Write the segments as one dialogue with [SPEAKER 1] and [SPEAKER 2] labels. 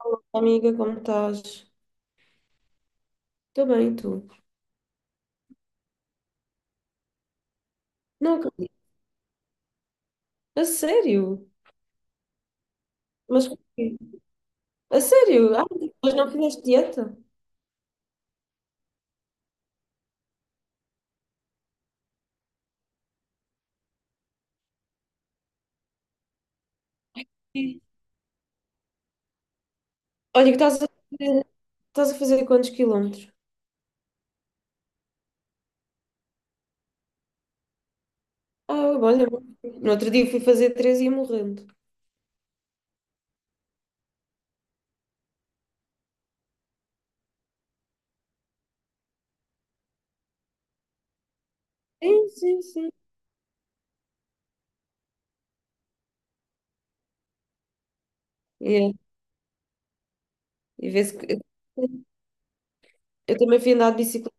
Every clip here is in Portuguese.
[SPEAKER 1] Olá, Amiga, como estás? Estou bem, tu? Não acredito. A sério? Mas porquê? A sério? Ah, mas não fizeste dieta? Sim. Olha, que estás a fazer quantos quilómetros? Ah, olha, no outro dia fui fazer três e ia morrendo. Sim, sim, sim. É. E vê-se que eu também fui andar de bicicleta.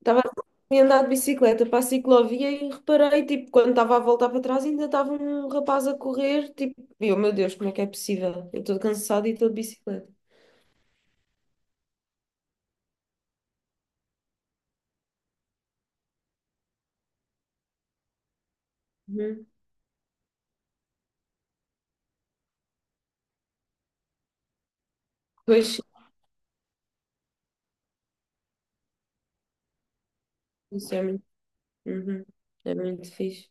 [SPEAKER 1] Estava a andar de bicicleta para a ciclovia e reparei, tipo, quando estava a voltar para trás, ainda estava um rapaz a correr, tipo, e eu, meu Deus, como é que é possível? Eu estou cansada e estou de bicicleta. Uhum. Pois, isso é muito, uhum. É muito fixe.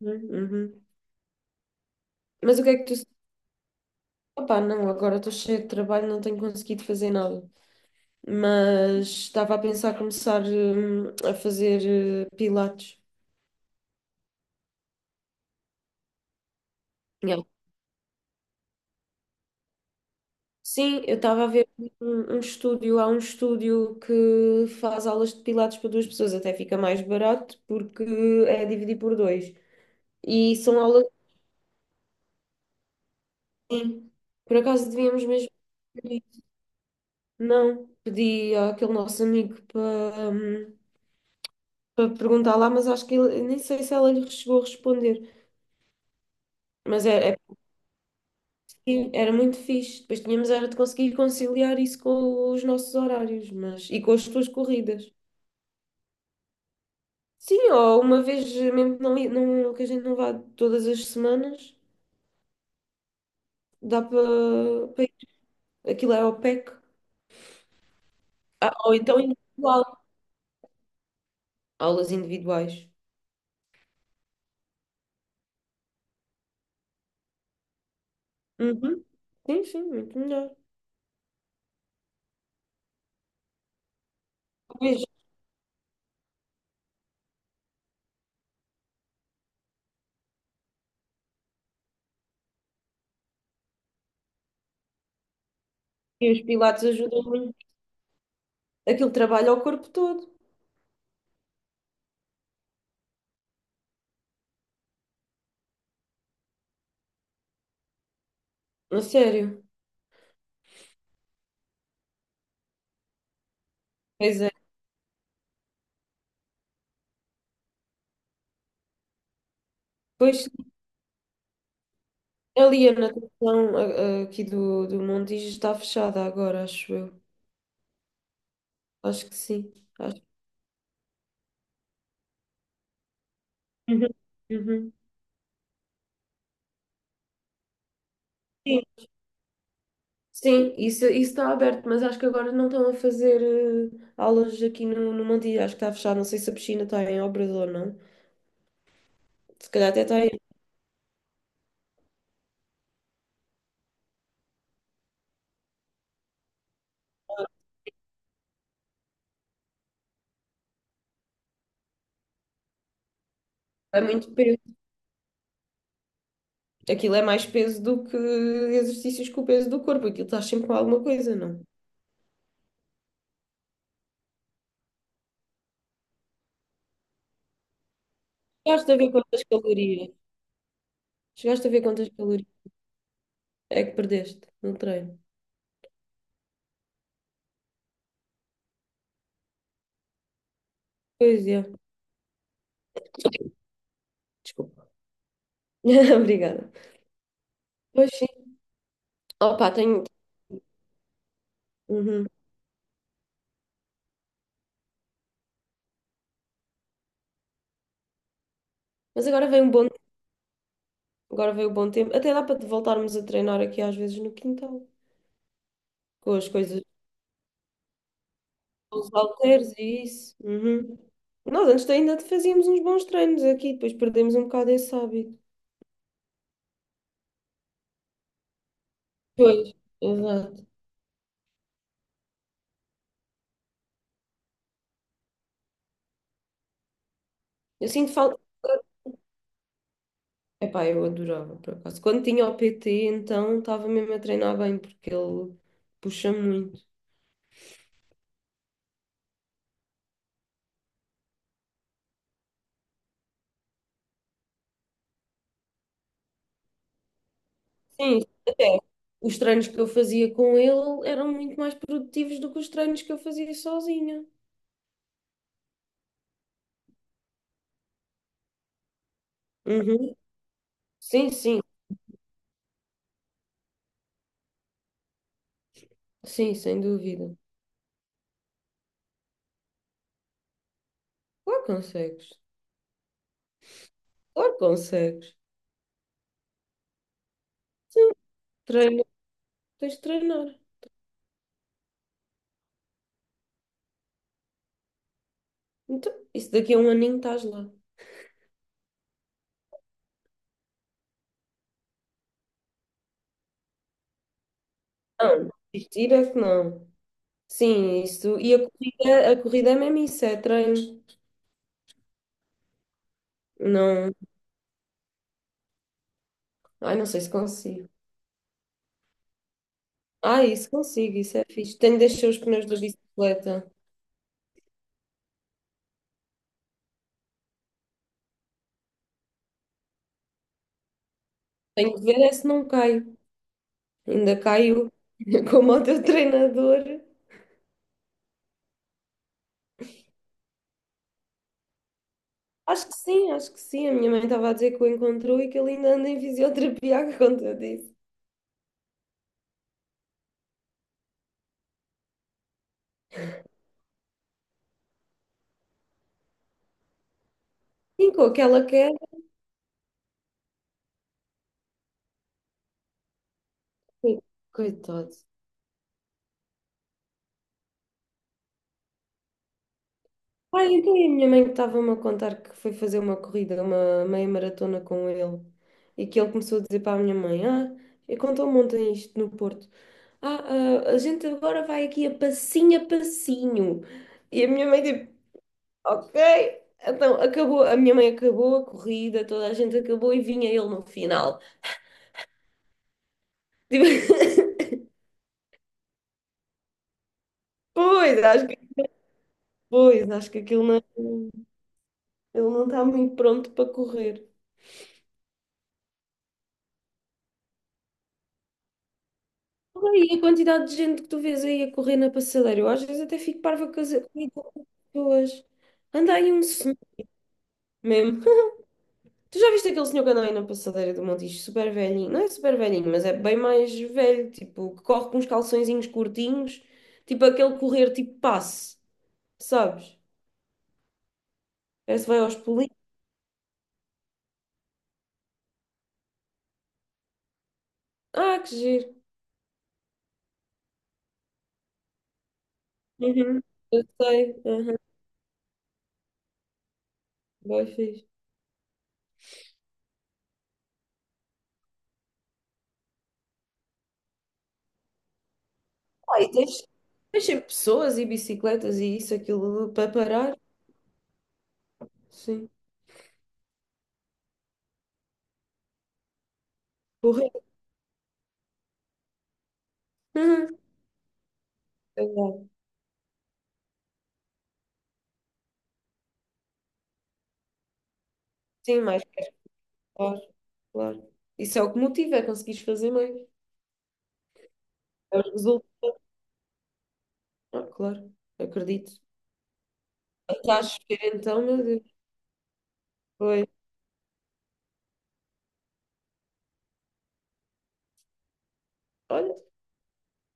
[SPEAKER 1] Uhum. Uhum. Mas o que é que tu... Opá, não, agora estou cheia de trabalho, não tenho conseguido fazer nada. Mas estava a pensar começar, a fazer, pilates. Sim, eu estava a ver um estúdio, há um estúdio que faz aulas de pilates para duas pessoas, até fica mais barato porque é dividir por dois. E são aulas, sim. Por acaso devíamos mesmo pedir. Não, pedi àquele nosso amigo para, para perguntar lá, mas acho que ele, nem sei se ela lhe chegou a responder. Mas é, Era muito fixe. Depois tínhamos era de conseguir conciliar isso com os nossos horários, mas e com as tuas corridas. Sim, ou uma vez, mesmo não, que a gente não vá todas as semanas, dá para. Aquilo é ao PEC. Ah, ou então individual. Aulas individuais. Uhum. Sim, sim, muito melhor. Pois, e os pilates ajudam muito. Aquilo trabalha o corpo todo. A sério. Pois é. Pois, ali a natação aqui do Montijo está fechada agora, acho eu. Acho que sim. Acho. Uhum. Uhum. Sim. Sim, isso está aberto, mas acho que agora não estão a fazer aulas aqui no Mandiri, acho que está fechado, não sei se a piscina está em obras ou não. Se calhar até está em... É muito peso. Aquilo é mais peso do que exercícios com o peso do corpo, aquilo estás sempre com alguma coisa, não? Chegaste a ver quantas calorias? Chegaste a ver quantas calorias é que perdeste no treino? Pois é. Desculpa. Obrigada. Pois sim. Opa, tenho. Uhum. Mas agora vem um bom, Agora vem o bom tempo. Até dá para voltarmos a treinar aqui às vezes no quintal. Com as coisas, com os halteres e isso. Uhum. Nós antes ainda fazíamos uns bons treinos aqui, depois perdemos um bocado esse hábito. Pois, exato. Eu sinto falta. Epá, eu adorava, por acaso. Quando tinha o PT, então estava mesmo a treinar bem, porque ele puxa muito. Sim, até os treinos que eu fazia com ele eram muito mais produtivos do que os treinos que eu fazia sozinha. Uhum. Sim, sim, sim, sem dúvida. Claro que consegues. Claro que consegues. Sim, treino. Tens de treinar. Então, isso daqui a um aninho estás lá. Não, desistir é que não. Sim, isso. E a corrida é mesmo isso, é treino. Não. Ai, não sei se consigo. Ah, isso consigo, isso é fixe. Tenho de deixar os pneus da bicicleta. Tenho de ver é se não caio. Ainda caio como o teu treinador. Acho que sim, acho que sim. A minha mãe estava a dizer que o encontrou e que ele ainda anda em fisioterapia, quando eu disse. Sim, com aquela queda. Coitado. Ah, então e a minha mãe estava-me a contar que foi fazer uma corrida, uma meia maratona com ele, e que ele começou a dizer para a minha mãe: Ah, e contou-me ontem isto no Porto: Ah, ah, a gente agora vai aqui a passinho a passinho. E a minha mãe, tipo, ok. Então acabou, a minha mãe acabou a corrida, toda a gente acabou e vinha ele no final. Tipo, pois, acho que, pois, acho que aquilo não, ele não está muito pronto para correr. E a quantidade de gente que tu vês aí a correr na passadeira, eu às vezes até fico parva com a idade das pessoas. Anda aí um senhor mesmo. Tu já viste aquele senhor que anda aí na passadeira do Montijo, super velhinho? Não é super velhinho, mas é bem mais velho, tipo, que corre com uns calçõezinhos curtinhos, tipo aquele correr tipo passe, sabes? Parece que vai aos pulinhos. Ah, que giro. Uhum. Eu sei. Uhum. Bem fixe. Ah, tens sempre pessoas e bicicletas e isso, aquilo para parar. Sim. Correr. Uhum. Sim, mais claro, claro. Isso é o que motiva, é conseguires fazer mais. É os resultados. Ah, claro, acredito. Está a chover então, meu Deus. Pois, olha,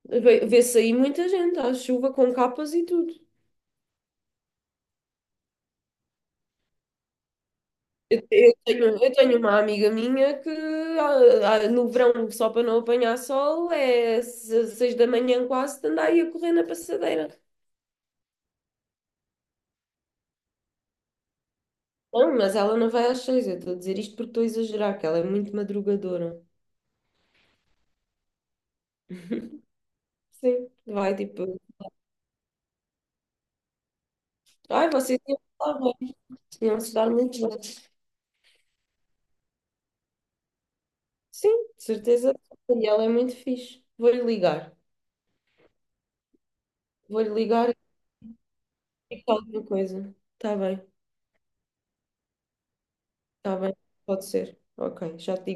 [SPEAKER 1] vê-se aí muita gente à chuva com capas e tudo. Eu tenho uma amiga minha que no verão, só para não apanhar sol, é seis da manhã quase, de andar aí a correr na passadeira. Não, mas ela não vai às seis, eu estou a dizer isto porque estou a exagerar, que ela é muito madrugadora. Sim, vai tipo, ai, vocês iam lá, não se dá muito bem. Sim, de certeza. E ela é muito fixe. Vou-lhe ligar. Vou-lhe ligar e digo alguma coisa. Está bem, está bem. Pode ser. Ok, já te digo.